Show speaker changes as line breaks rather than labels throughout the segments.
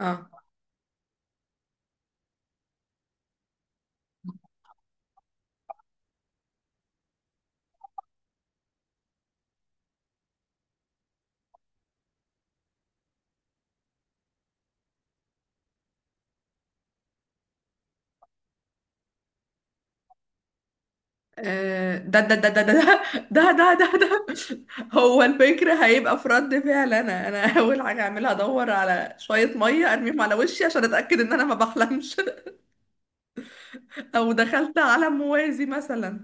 اه ده ده ده ده ده ده ده ده ده. هو الفكر هيبقى في رد فعل. انا اول حاجه هعملها ادور على شويه ميه ارميهم على وشي عشان اتاكد ان انا ما بحلمش. او دخلت عالم موازي مثلا.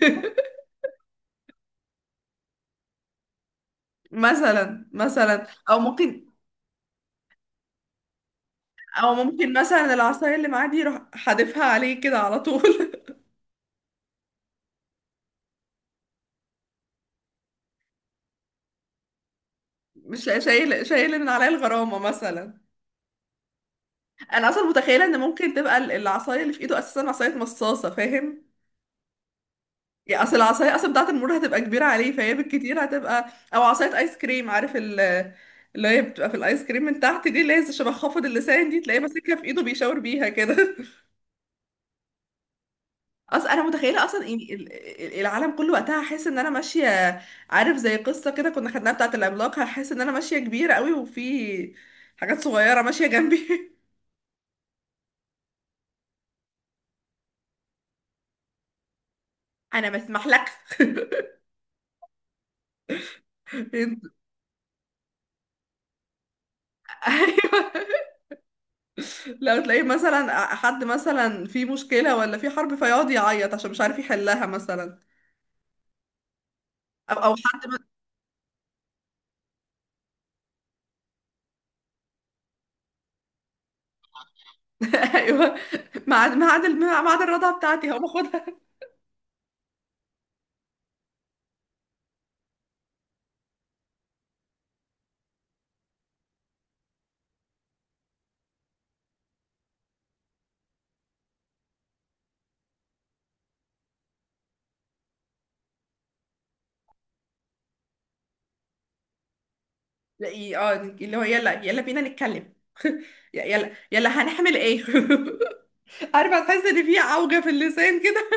مثلا مثلا او ممكن او ممكن مثلا العصايه اللي معاه دي يروح حادفها عليه كده على طول. مش شايل من عليا الغرامه مثلا. انا اصلا متخيله ان ممكن تبقى العصايه اللي في ايده اساسا عصايه مصاصه، فاهم؟ يا اصل العصايه اصلا بتاعه المور هتبقى كبيره عليه، فهي بالكتير هتبقى او عصايه ايس كريم. عارف اللي هي بتبقى في الايس كريم من تحت دي، اللي هي شبه خافض اللسان دي؟ تلاقيه ماسكها في ايده بيشاور بيها كده. اصلا انا متخيله اصلا، يعني العالم كله وقتها هحس ان انا ماشيه. عارف زي قصه كده كنا خدناها بتاعه العملاق؟ هحس ان انا ماشيه كبيره قوي وفي حاجات صغيره ماشيه جنبي. انا ما اسمحلكش. ايوه. لو تلاقيه مثلا حد مثلا في مشكلة ولا في حرب فيقعد يعيط عشان مش عارف يحلها مثلا. او حد. ايوه. ميعاد الرضا بتاعتي هقوم اخدها. تلاقيه اه، اللي هو يلا يلا بينا نتكلم. يلا يلا هنعمل ايه. عارفة، تحس ان في عوجة في اللسان كده.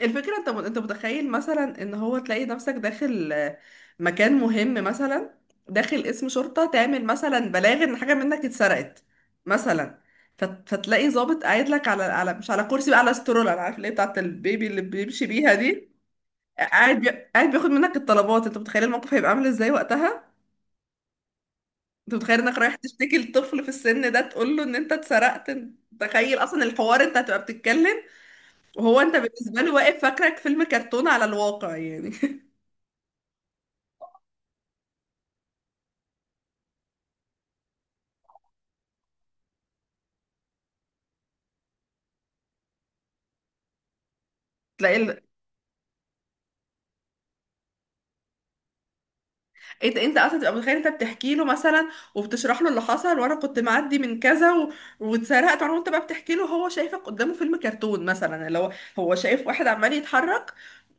الفكرة انت متخيل مثلا ان هو تلاقي نفسك داخل مكان مهم مثلا، داخل اسم شرطة تعمل مثلا بلاغ ان حاجة منك اتسرقت مثلا. فتلاقي ضابط قاعد لك على على مش على كرسي بقى، على استرولة، انا عارف اللي هي بتاعت البيبي اللي بيمشي بيها دي، قاعد بياخد منك الطلبات. انت متخيل الموقف هيبقى عامل ازاي وقتها؟ انت متخيل انك رايح تشتكي لطفل في السن ده، تقول له ان انت اتسرقت انت؟ تخيل اصلا الحوار. انت هتبقى بتتكلم، وهو انت بالنسبة له واقف فاكرك فيلم كرتون على الواقع يعني. تلاقي ال... انت اصلا تبقى متخيل انت بتحكي له مثلا وبتشرح له اللي حصل، وانا كنت معدي من كذا واتسرقت وانا، وانت بقى بتحكي له هو شايفك قدامه فيلم كرتون مثلا، اللي هو هو شايف واحد عمال يتحرك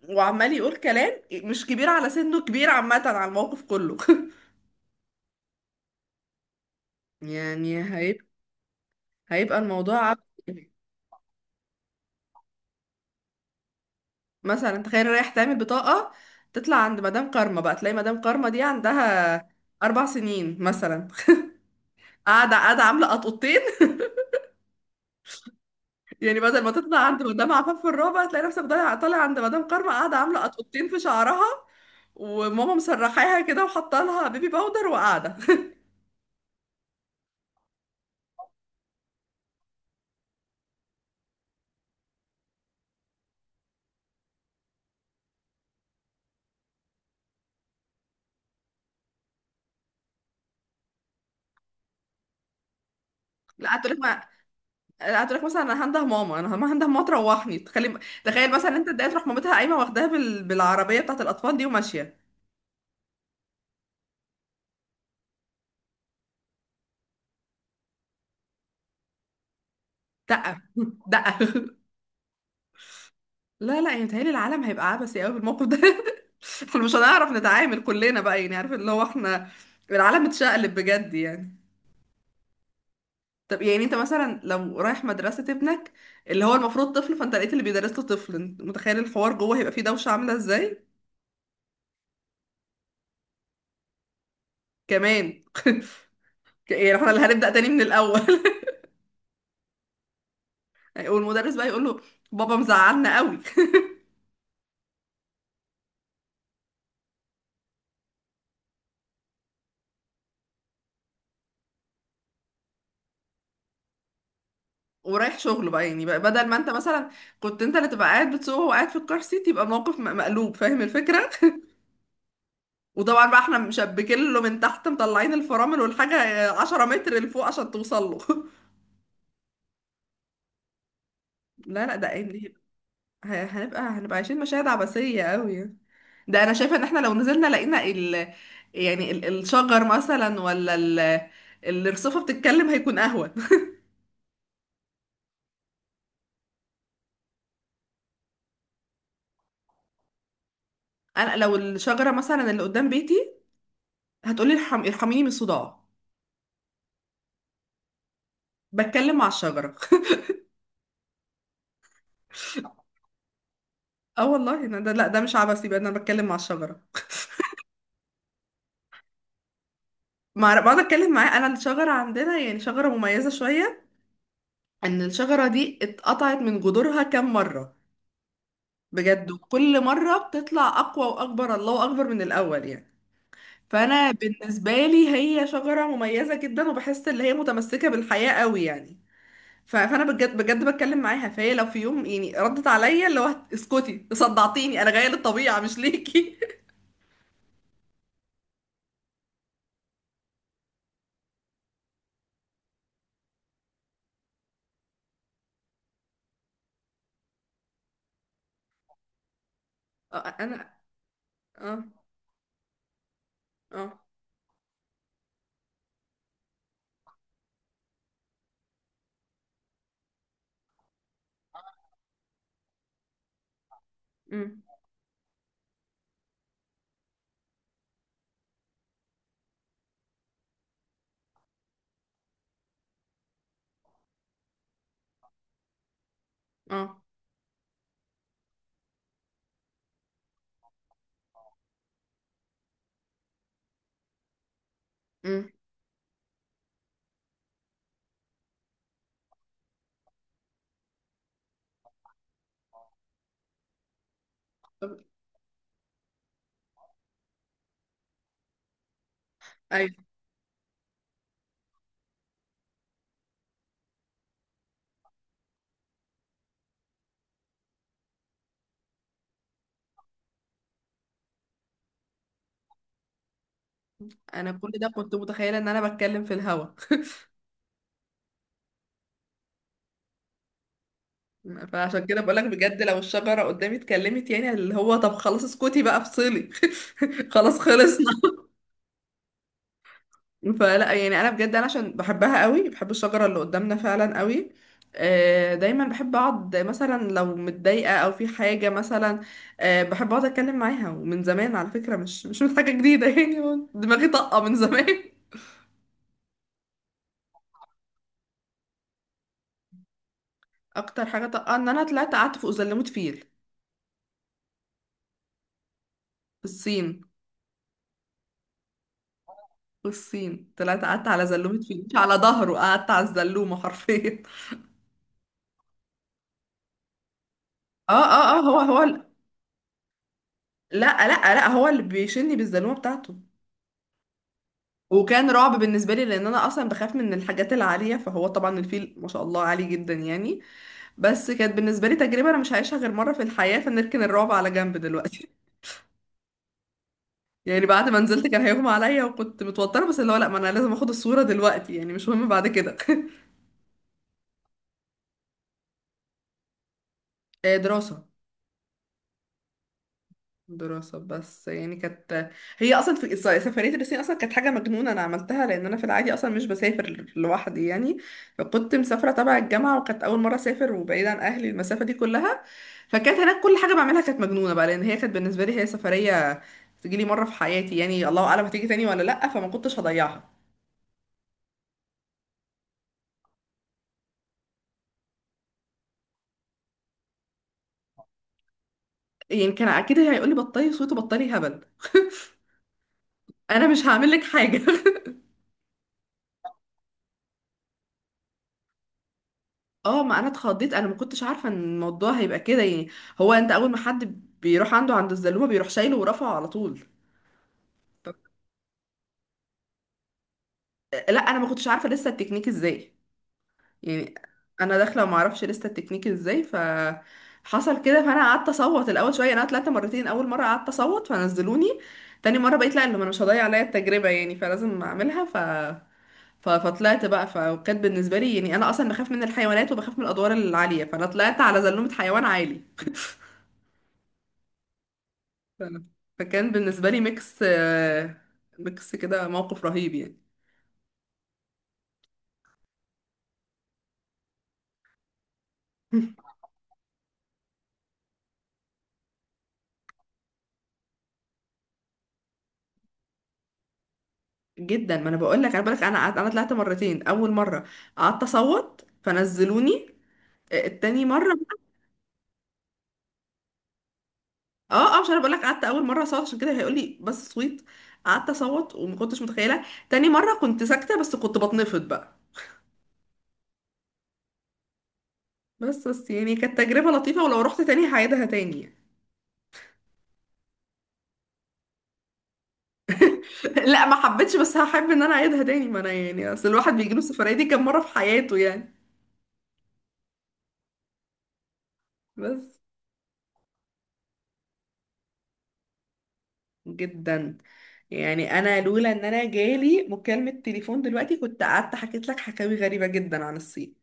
وعمال يقول كلام مش كبير على سنه، كبير عامة على الموقف كله. يعني هيبقى الموضوع عب- مثلا تخيل رايح تعمل بطاقة، تطلع عند مدام كارما بقى، تلاقي مدام كارما دي عندها أربع سنين مثلا. قاعدة قاعدة عاملة قطقطين. يعني بدل ما تطلع عند مدام عفاف في الرابع، تلاقي نفسك طالع عند مدام كارما قاعدة عاملة قطقطين في شعرها، وماما مسرحاها كده وحاطه لها بيبي باودر وقاعدة. لا هتقولك ما لا، هتقولك مثلا انا هنده ماما. انا ما هنده ماما، تروحني تخلي. تخيل مثلا انت اتضايقت، تروح مامتها قايمة واخداها بالعربية بتاعت الأطفال دي وماشية. دقة دقة. لا لا، يعني متهيألي العالم هيبقى عبثي قوي بالموقف ده. احنا مش هنعرف نتعامل كلنا بقى، يعني عارف اللي هو احنا العالم اتشقلب بجد يعني. طب يعني انت مثلا لو رايح مدرسة ابنك، اللي هو المفروض طفل، فانت لقيت اللي بيدرس له طفل، انت متخيل الحوار جوه هيبقى فيه دوشة عاملة ازاي؟ كمان. يعني احنا اللي هنبدأ تاني من الاول. والمدرس بقى يقول له بابا مزعلنا قوي. ورايح شغله بقى، بدل ما انت مثلا كنت انت اللي تبقى قاعد بتسوق وهو قاعد في الكار سيت، يبقى الموقف مقلوب، فاهم الفكرة؟ وطبعا بقى احنا مشبكين له من تحت مطلعين الفرامل والحاجة 10 متر لفوق عشان توصل له. لا لا، ده قايم. هنبقى عايشين مشاهد عبثية قوي. ده انا شايفة ان احنا لو نزلنا لقينا ال، يعني الشجر مثلا، ولا الرصافة بتتكلم، هيكون اهون. انا لو الشجرة مثلا اللي قدام بيتي هتقولي ارحميني من الصداع. بتكلم مع الشجرة. اه والله، إن ده، لا، ده مش عبثي بقى إن انا بتكلم مع الشجرة. مع بقعد اتكلم معاه. انا الشجرة عندنا يعني شجرة مميزة شوية، ان الشجرة دي اتقطعت من جذورها كام مرة بجد، وكل مرة بتطلع اقوى واكبر، الله اكبر من الاول يعني. فانا بالنسبه لي هي شجره مميزه جدا، وبحس ان هي متمسكه بالحياه قوي يعني. فانا بجد بجد بتكلم معاها، فهي لو في يوم يعني ردت عليا، اللي هو اسكتي صدعتيني انا جايه للطبيعه مش ليكي. انا. اه. اه. امم اه. امم طب- ايوه. انا كل ده كنت متخيله ان انا بتكلم في الهوا. فعشان كده بقولك بجد لو الشجره قدامي اتكلمت، يعني اللي هو طب خلاص اسكتي بقى افصلي. خلاص خلصنا. فلا يعني انا بجد، انا عشان بحبها قوي، بحب الشجره اللي قدامنا فعلا قوي. دايما بحب اقعد مثلا لو متضايقه او في حاجه مثلا، بحب اقعد اتكلم معاها، ومن زمان على فكره، مش من حاجه جديده. يعني هو دماغي طاقه من زمان. اكتر حاجه طاقه، ان انا طلعت قعدت فوق زلمه فيل. في الصين. في الصين طلعت قعدت على زلومه فيل، مش على ظهره، قعدت على الزلومه حرفيا. اه اه اه. لا لا لا، هو اللي بيشني بالزلومه بتاعته. وكان رعب بالنسبة لي، لأن أنا أصلا بخاف من الحاجات العالية، فهو طبعا الفيل ما شاء الله عالي جدا يعني. بس كانت بالنسبة لي تجربة أنا مش هعيشها غير مرة في الحياة، فنركن الرعب على جنب دلوقتي. يعني بعد ما نزلت كان هيغمى عليا وكنت متوترة، بس اللي هو لأ، ما أنا لازم أخد الصورة دلوقتي، يعني مش مهم بعد كده. دراسة. دراسة، بس يعني كانت، هي أصلا في سفرية الصين أصلا كانت حاجة مجنونة أنا عملتها، لأن أنا في العادي أصلا مش بسافر لوحدي يعني. فكنت مسافرة تبع الجامعة، وكانت أول مرة أسافر وبعيد عن أهلي المسافة دي كلها. فكانت هناك كل حاجة بعملها كانت مجنونة بقى، لأن هي كانت بالنسبة لي هي سفرية تجيلي مرة في حياتي، يعني الله أعلم هتيجي تاني ولا لأ، فما كنتش هضيعها. يعني كان أكيد هيقولي بطلي صوت وبطلي هبل. أنا مش هعمل لك حاجة. اه، ما انا اتخضيت، انا ما كنتش عارفه ان الموضوع هيبقى كده يعني. هو انت اول ما حد بيروح عنده عند الزلومه، بيروح شايله ورافعه على طول. طب- لا انا ما كنتش عارفه لسه التكنيك ازاي يعني. انا داخله وما اعرفش لسه التكنيك ازاي، ف حصل كده. فانا قعدت اصوت الاول شويه. انا طلعت مرتين، اول مره قعدت اصوت فنزلوني. تاني مره بقيت لا اللي انا مش هضيع عليا التجربه يعني، فلازم اعملها فطلعت بقى. فكانت بالنسبه لي يعني، انا اصلا بخاف من الحيوانات وبخاف من الادوار العاليه، فانا طلعت على زلومه حيوان عالي. ف- فكان بالنسبة لي ميكس، ميكس كده موقف رهيب يعني. جدا. ما انا بقول لك، انا طلعت مرتين، اول مرة قعدت اصوت فنزلوني. التاني مرة. اه اه، مش انا بقول لك قعدت اول مرة اصوت، عشان كده هيقول لي بس صويت. قعدت اصوت وما كنتش متخيلة. تاني مرة كنت ساكتة بس كنت بتنفض بقى. بس يعني كانت تجربة لطيفة، ولو رحت تاني هعيدها تاني يعني. لا ما حبيتش، بس هحب ان انا اعيدها تاني، ما انا يعني اصل الواحد بيجيله السفرية دي كام مرة في حياته يعني. بس. جدا يعني. انا لولا ان انا جالي مكالمة تليفون دلوقتي كنت قعدت حكيت لك حكاوي غريبة جدا عن الصين.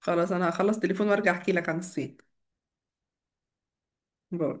خلاص، انا هخلص تليفون وارجع احكي لك عن الصين. باي.